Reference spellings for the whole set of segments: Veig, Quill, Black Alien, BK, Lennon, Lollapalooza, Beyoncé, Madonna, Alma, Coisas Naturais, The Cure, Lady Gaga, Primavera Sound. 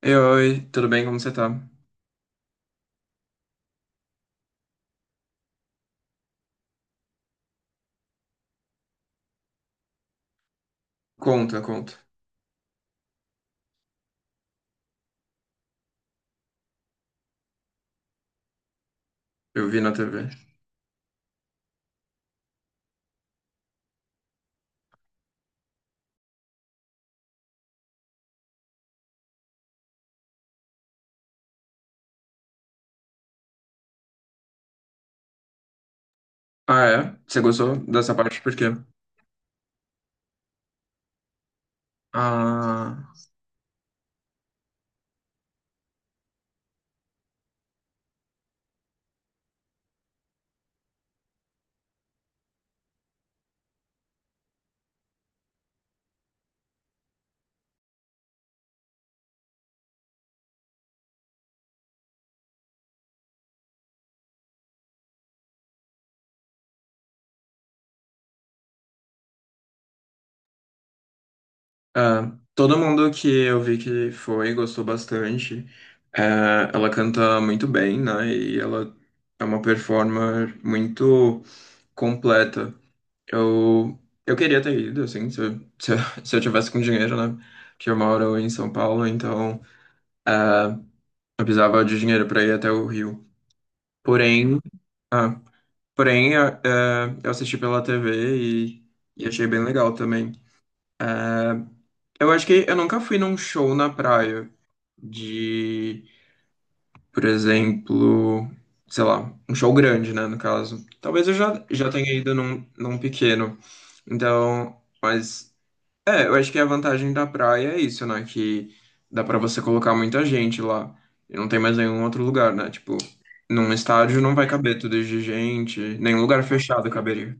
Ei, oi, tudo bem? Como você tá? Conta, conta. Eu vi na TV. Ah, é? Você gostou dessa parte? Por quê? Ah, todo mundo que eu vi que foi gostou bastante. É, ela canta muito bem, né? E ela é uma performer muito completa. Eu, eu queria ter ido, assim, se eu, se eu, se eu tivesse com dinheiro, né? Porque eu moro em São Paulo, então é, eu precisava de dinheiro para ir até o Rio. Porém, Porém, eu assisti pela TV e achei bem legal também. Eh, Eu acho que eu nunca fui num show na praia de, por exemplo, sei lá, um show grande, né, no caso. Talvez eu já, já tenha ido num pequeno. Então, mas é, eu acho que a vantagem da praia é isso, né, que dá pra você colocar muita gente lá. E não tem mais nenhum outro lugar, né? Tipo, num estádio não vai caber tudo de gente, nenhum lugar fechado caberia.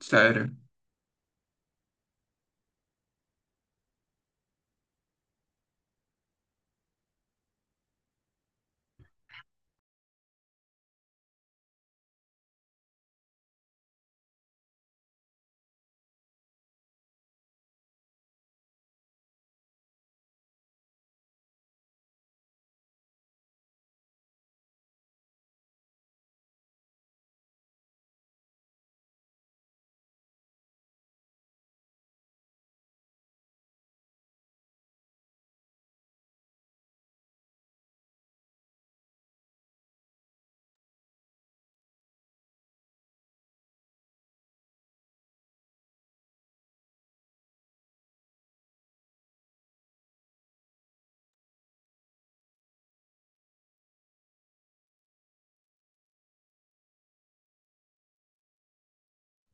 Sério.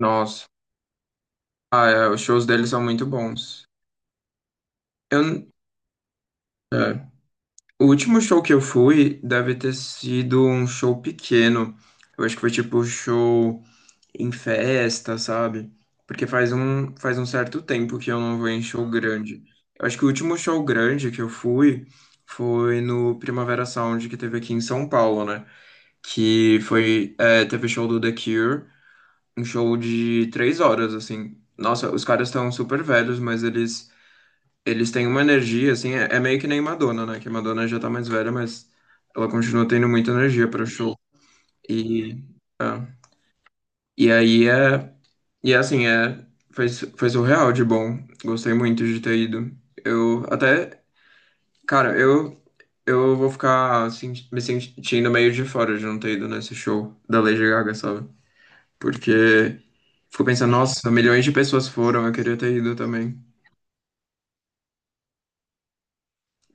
Nossa. Ah, é, os shows deles são muito bons. Eu, n- é, o último show que eu fui deve ter sido um show pequeno. Eu acho que foi tipo show em festa, sabe? Porque faz um certo tempo que eu não vou em show grande. Eu acho que o último show grande que eu fui foi no Primavera Sound que teve aqui em São Paulo, né? Que foi, é, teve show do The Cure, um show de três horas, assim. Nossa, os caras estão super velhos, Eles têm uma energia, assim, é meio que nem Madonna, né? Que Madonna já tá mais velha, mas ela continua tendo muita energia para o show. E, ah, e aí é. E é assim, foi, foi surreal de bom. Gostei muito de ter ido. Eu até. Cara, eu. Eu vou ficar me sentindo meio de fora de não ter ido nesse show da Lady Gaga, sabe? Porque fico pensando, nossa, milhões de pessoas foram, eu queria ter ido também.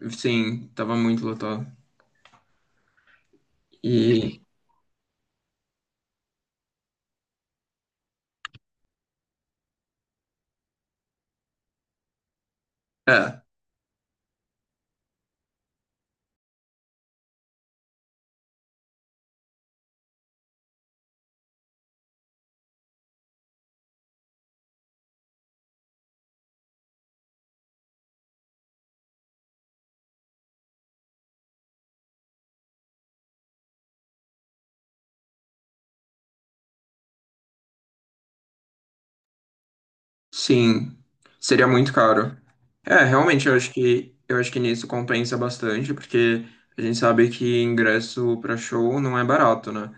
Sim, tava muito lotado. E. É. Sim, seria muito caro. É, realmente, eu acho que nisso compensa bastante, porque a gente sabe que ingresso para show não é barato, né?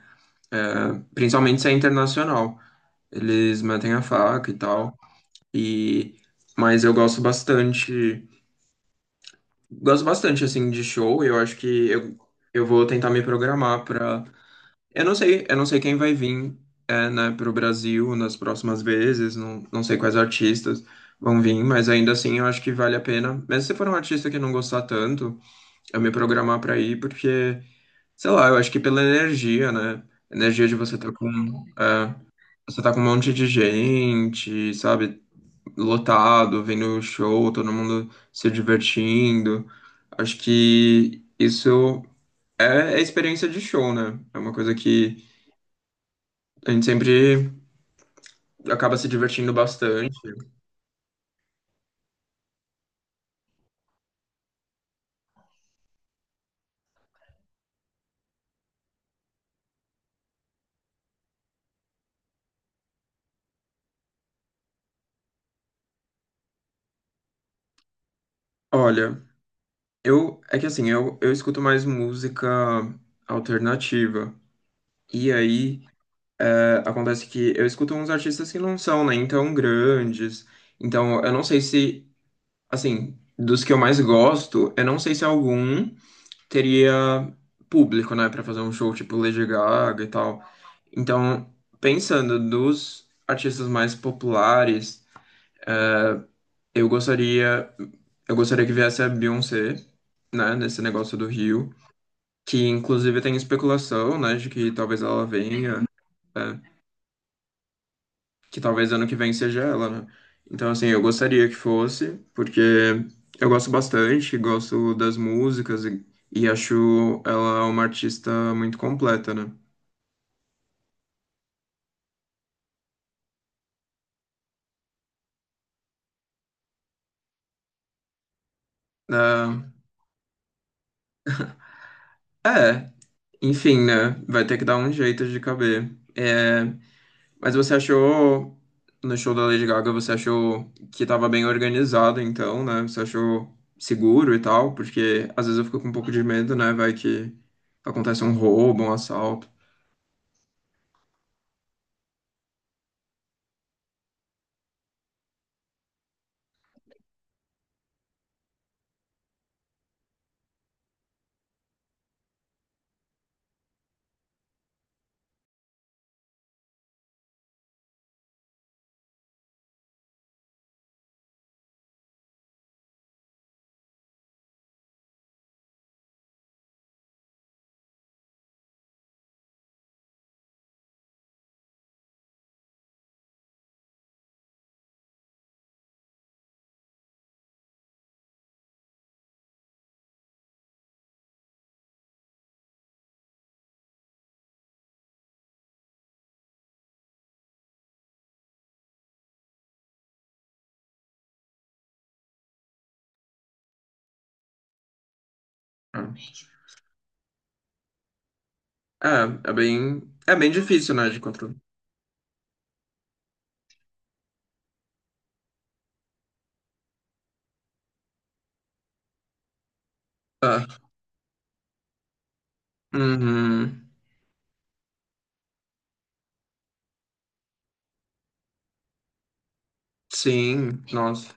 É, principalmente se é internacional. Eles metem a faca e tal. E mas eu gosto bastante, assim de show, eu acho que eu vou tentar me programar para eu não sei quem vai vir, é, né, pro Brasil nas próximas vezes, não, não sei quais artistas vão vir, mas ainda assim eu acho que vale a pena. Mesmo se for um artista que não gostar tanto, eu me programar pra ir, porque, sei lá, eu acho que pela energia, né? Energia de você tá com, é, você tá com um monte de gente, sabe? Lotado, vendo o show, todo mundo se divertindo. Acho que isso é experiência de show, né? É uma coisa que a gente sempre acaba se divertindo bastante. Olha, eu é que assim, eu escuto mais música alternativa. E aí é, acontece que eu escuto uns artistas que não são nem tão grandes. Então, eu não sei se, assim, dos que eu mais gosto, eu não sei se algum teria público, né, pra fazer um show tipo Lady Gaga e tal. Então, pensando dos artistas mais populares, Eu gostaria, eu gostaria que viesse a Beyoncé, né, nesse negócio do Rio, que inclusive tem especulação, né, de que talvez ela venha, né, que talvez ano que vem seja ela, né? Então, assim, eu gostaria que fosse, porque eu gosto bastante, gosto das músicas e acho ela uma artista muito completa, né? Ah, é, enfim, né, vai ter que dar um jeito de caber. É, mas você achou, no show da Lady Gaga, você achou que tava bem organizado, então, né? Você achou seguro e tal? Porque às vezes eu fico com um pouco de medo, né? Vai que acontece um roubo, um assalto. É, é bem, é bem difícil, né, de controlar. É. Uhum. Sim, nossa.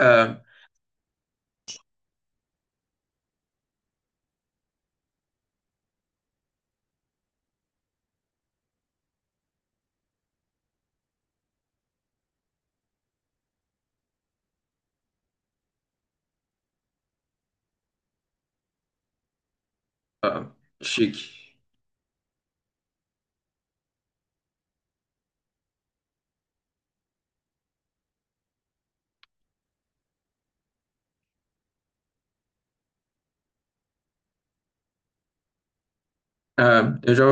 É, é, chique. É, eu já,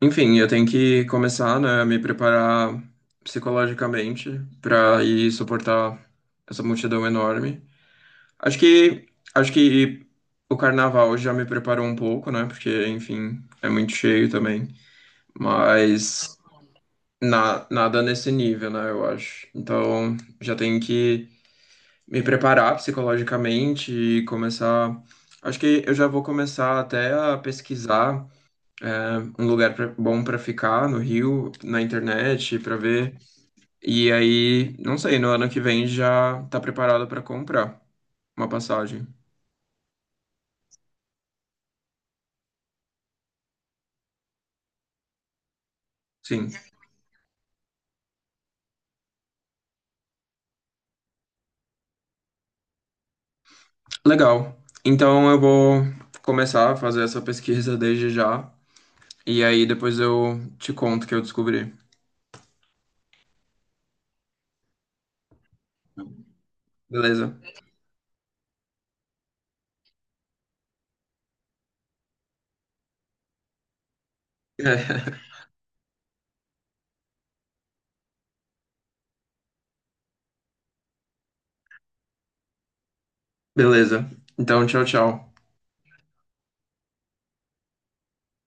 enfim, eu tenho que começar, né, a me preparar psicologicamente pra ir suportar essa multidão enorme. Acho que acho que o carnaval já me preparou um pouco, né? Porque, enfim, é muito cheio também. Mas nada nesse nível, né? Eu acho. Então já tenho que me preparar psicologicamente e começar. Acho que eu já vou começar até a pesquisar é, um lugar pra- bom para ficar no Rio, na internet, para ver. E aí, não sei, no ano que vem já tá preparado para comprar uma passagem. Sim. Legal. Então eu vou começar a fazer essa pesquisa desde já. E aí depois eu te conto o que eu descobri. Beleza? Beleza. Então, tchau, tchau.